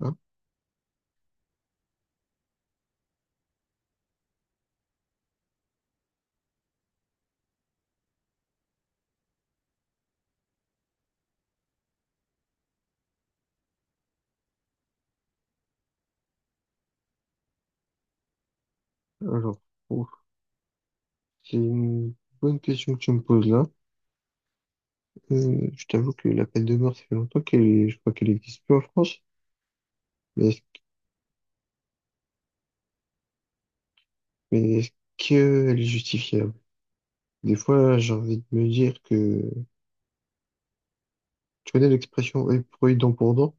Ah, alors, oh, c'est une bonne question que tu me poses là. Je t'avoue que la peine de mort, ça fait longtemps qu'elle, je crois qu'elle n'existe plus en France. Mais est-ce, mais est-ce qu'elle est justifiable? Des fois, j'ai envie de me dire que, tu connais l'expression œil pour œil, dent pour dent?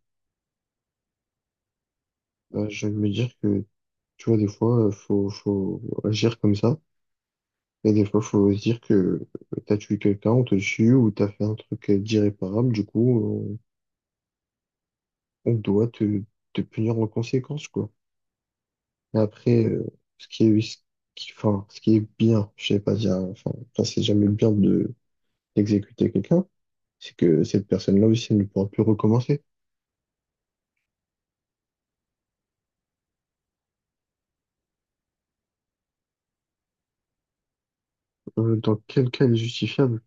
Bah, j'ai envie de me dire que, tu vois, des fois, faut agir comme ça. Et des fois, faut se dire que t'as tué quelqu'un, on te tue, ou t'as fait un truc d'irréparable, du coup, on doit te punir en conséquence, quoi. Mais après, ce qui est, ce ce qui est bien, je sais pas dire, c'est jamais bien de d'exécuter quelqu'un, c'est que cette personne-là aussi elle ne pourra plus recommencer. Dans quel cas elle est justifiable?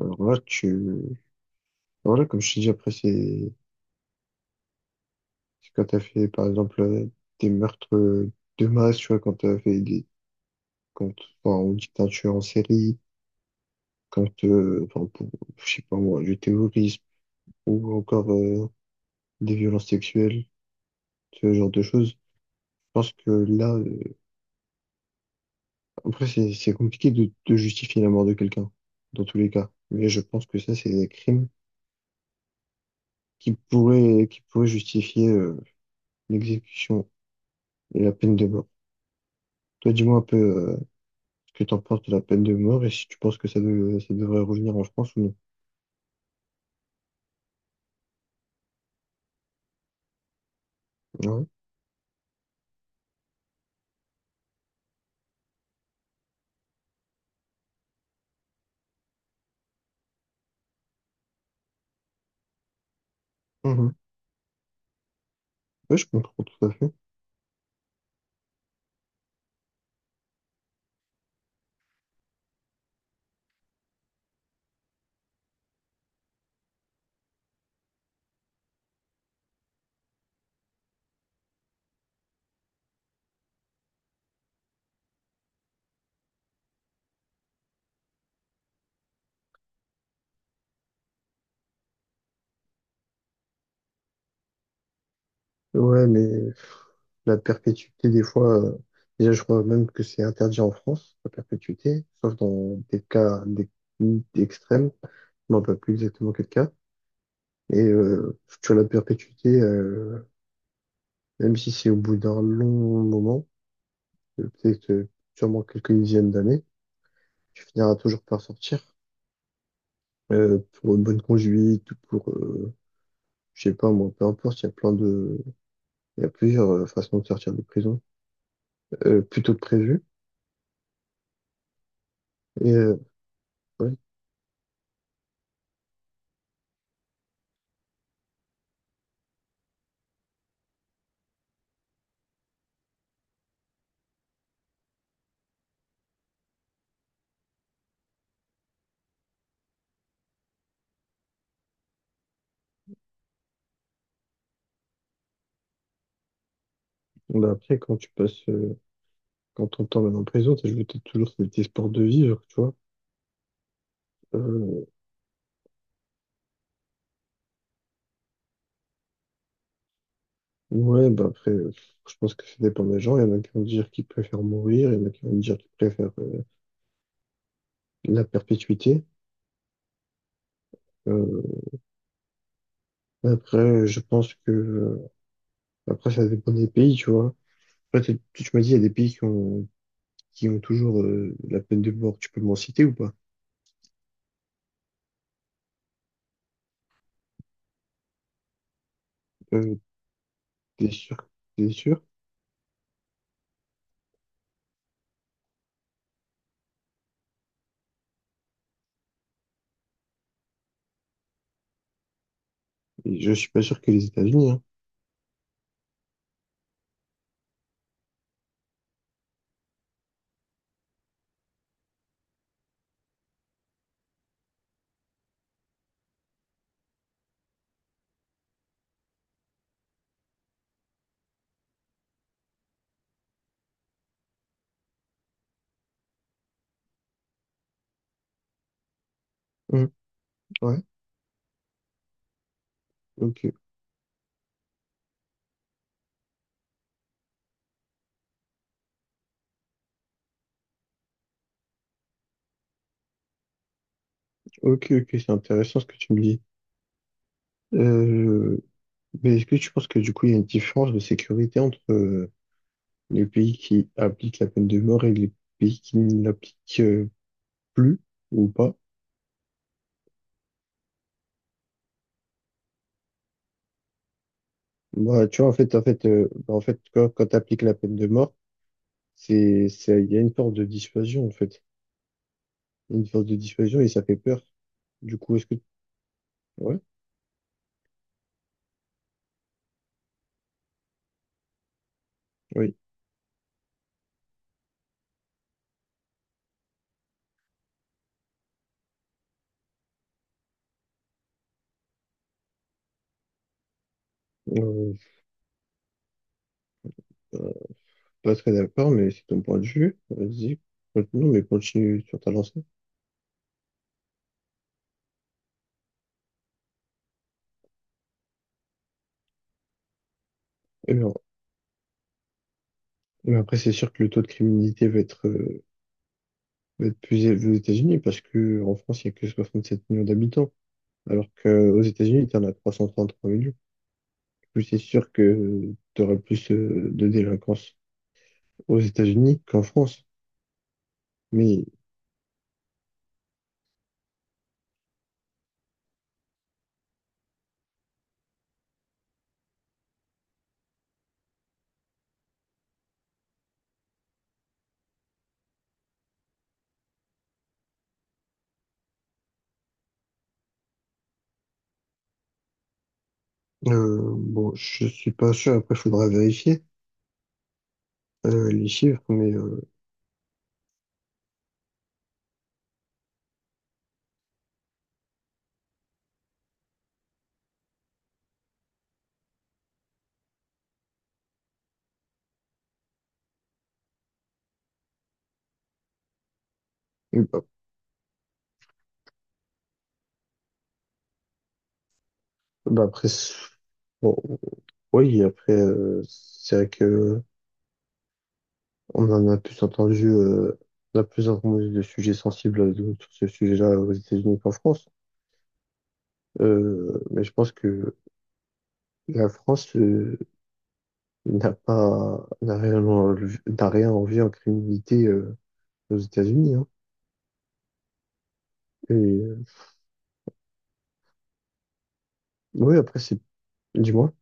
Alors là, tu, alors là, comme je t'ai dit, après, c'est quand t'as fait, par exemple, des meurtres de masse, tu vois, quand t'as fait des, quand, enfin, on dit que t'as tué en série, quand, euh, enfin, pour, je sais pas moi, du terrorisme, ou encore des violences sexuelles, ce genre de choses. Je pense que là, Après, c'est compliqué de justifier la mort de quelqu'un, dans tous les cas. Mais je pense que ça, c'est des crimes qui pourraient justifier l'exécution et la peine de mort. Toi, dis-moi un peu euh, ce que t'en penses de la peine de mort et si tu penses que ça devrait revenir en France ou non. Ouais. Mhm. Ouais, je comprends tout à fait. Ouais, mais la perpétuité, des fois, déjà, je crois même que c'est interdit en France, la perpétuité, sauf dans des extrêmes. Je ne me rappelle plus exactement quel cas. Et sur la perpétuité, même si c'est au bout d'un long moment, peut-être sûrement quelques dizaines d'années, tu finiras toujours par sortir pour une bonne conduite ou pour, je sais pas moi, peu importe, il y a plusieurs façons de sortir de prison, plutôt que prévu. Et euh, ouais, Bon, bah après, quand ton temps en prison, t'as joué peut-être toujours cet espoir de vivre, tu vois. Euh, ouais, bah après, euh, je pense que ça dépend des gens. Il y en a qui vont dire qu'ils préfèrent mourir, il y en a qui vont dire qu'ils préfèrent la perpétuité. Euh, Après, je pense que après ça dépend des pays, tu vois. Après, tu m'as dit il y a des pays qui ont toujours la peine de mort. Tu peux m'en citer ou pas? Euh, T'es sûr? T'es sûr? Et je suis pas sûr que les États-Unis. Hein. Hum. Ouais. Ok. Ok. Ok, c'est intéressant ce que tu me dis. Euh, mais est-ce que tu penses que du coup il y a une différence de sécurité entre les pays qui appliquent la peine de mort et les pays qui ne l'appliquent plus ou pas? Bah, tu vois, en fait, quand t'appliques la peine de mort, il y a une force de dissuasion, en fait. Une force de dissuasion et ça fait peur. Du coup, est-ce que, ouais, oui, je suis pas très d'accord, mais c'est ton point de vue. Vas-y, non mais continue sur ta lancée. Et bien, mais après, c'est sûr que le taux de criminalité va être plus élevé aux États-Unis parce que en France, il n'y a que 67 millions d'habitants, alors qu'aux États-Unis, tu en as 333 millions. Du coup, c'est sûr que tu auras plus, de délinquance aux États-Unis qu'en France. Mais bon, je suis pas sûr, après il faudra vérifier les chiffres, mais bah, bah, après, c'est- bon, oui, après, c'est vrai que on en a plus entendu, euh, on a plus entendu de sujets sensibles sur ce sujet-là aux États-Unis qu'en France. Mais je pense que la France n'a pas, n'a rien, enlevé- n'a rien envie en criminalité aux États-Unis, hein. Et euh, oui, après, dis-moi.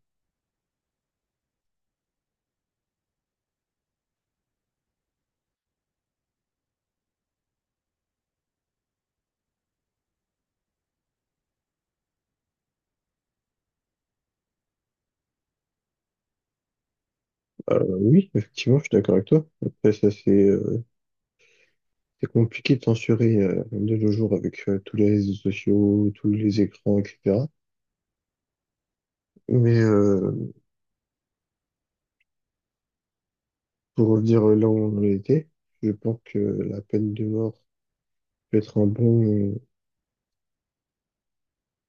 Oui, effectivement, je suis d'accord avec toi. Après, ça, c'est compliqué de censurer de nos jours avec tous les réseaux sociaux, tous les écrans, etc. Mais pour revenir là où on en était, je pense que la peine de mort peut être une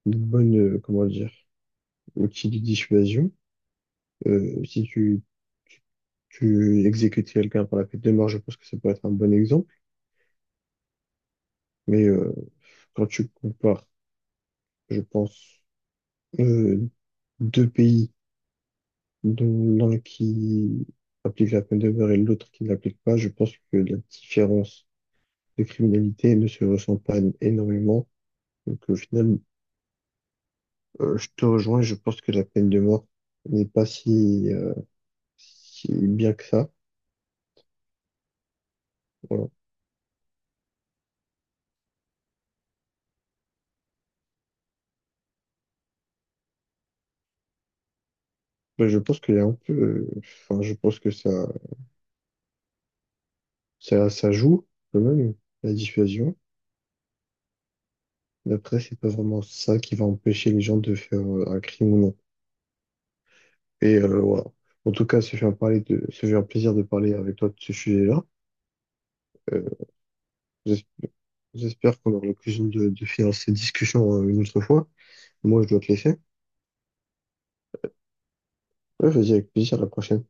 bonne, comment dire, outil de dissuasion. Si tu exécutes quelqu'un par la peine de mort, je pense que ça peut être un bon exemple. Mais quand tu compares, je pense, euh, deux pays de l'un qui applique la peine de mort et l'autre qui ne l'applique pas, je pense que la différence de criminalité ne se ressent pas énormément. Donc au final, je te rejoins, je pense que la peine de mort n'est pas si, si bien que ça. Voilà. Ben, je pense qu'il y a un peu, je pense que ça joue quand même, la dissuasion. Mais après, c'est pas vraiment ça qui va empêcher les gens de faire un crime ou non. Et voilà. En tout cas, ça fait un plaisir de parler avec toi de ce sujet-là. Euh, j'es- J'espère qu'on aura l'occasion de faire ces discussions une autre fois. Moi, je dois te laisser. Ouais, vas-y, avec plaisir, à la prochaine.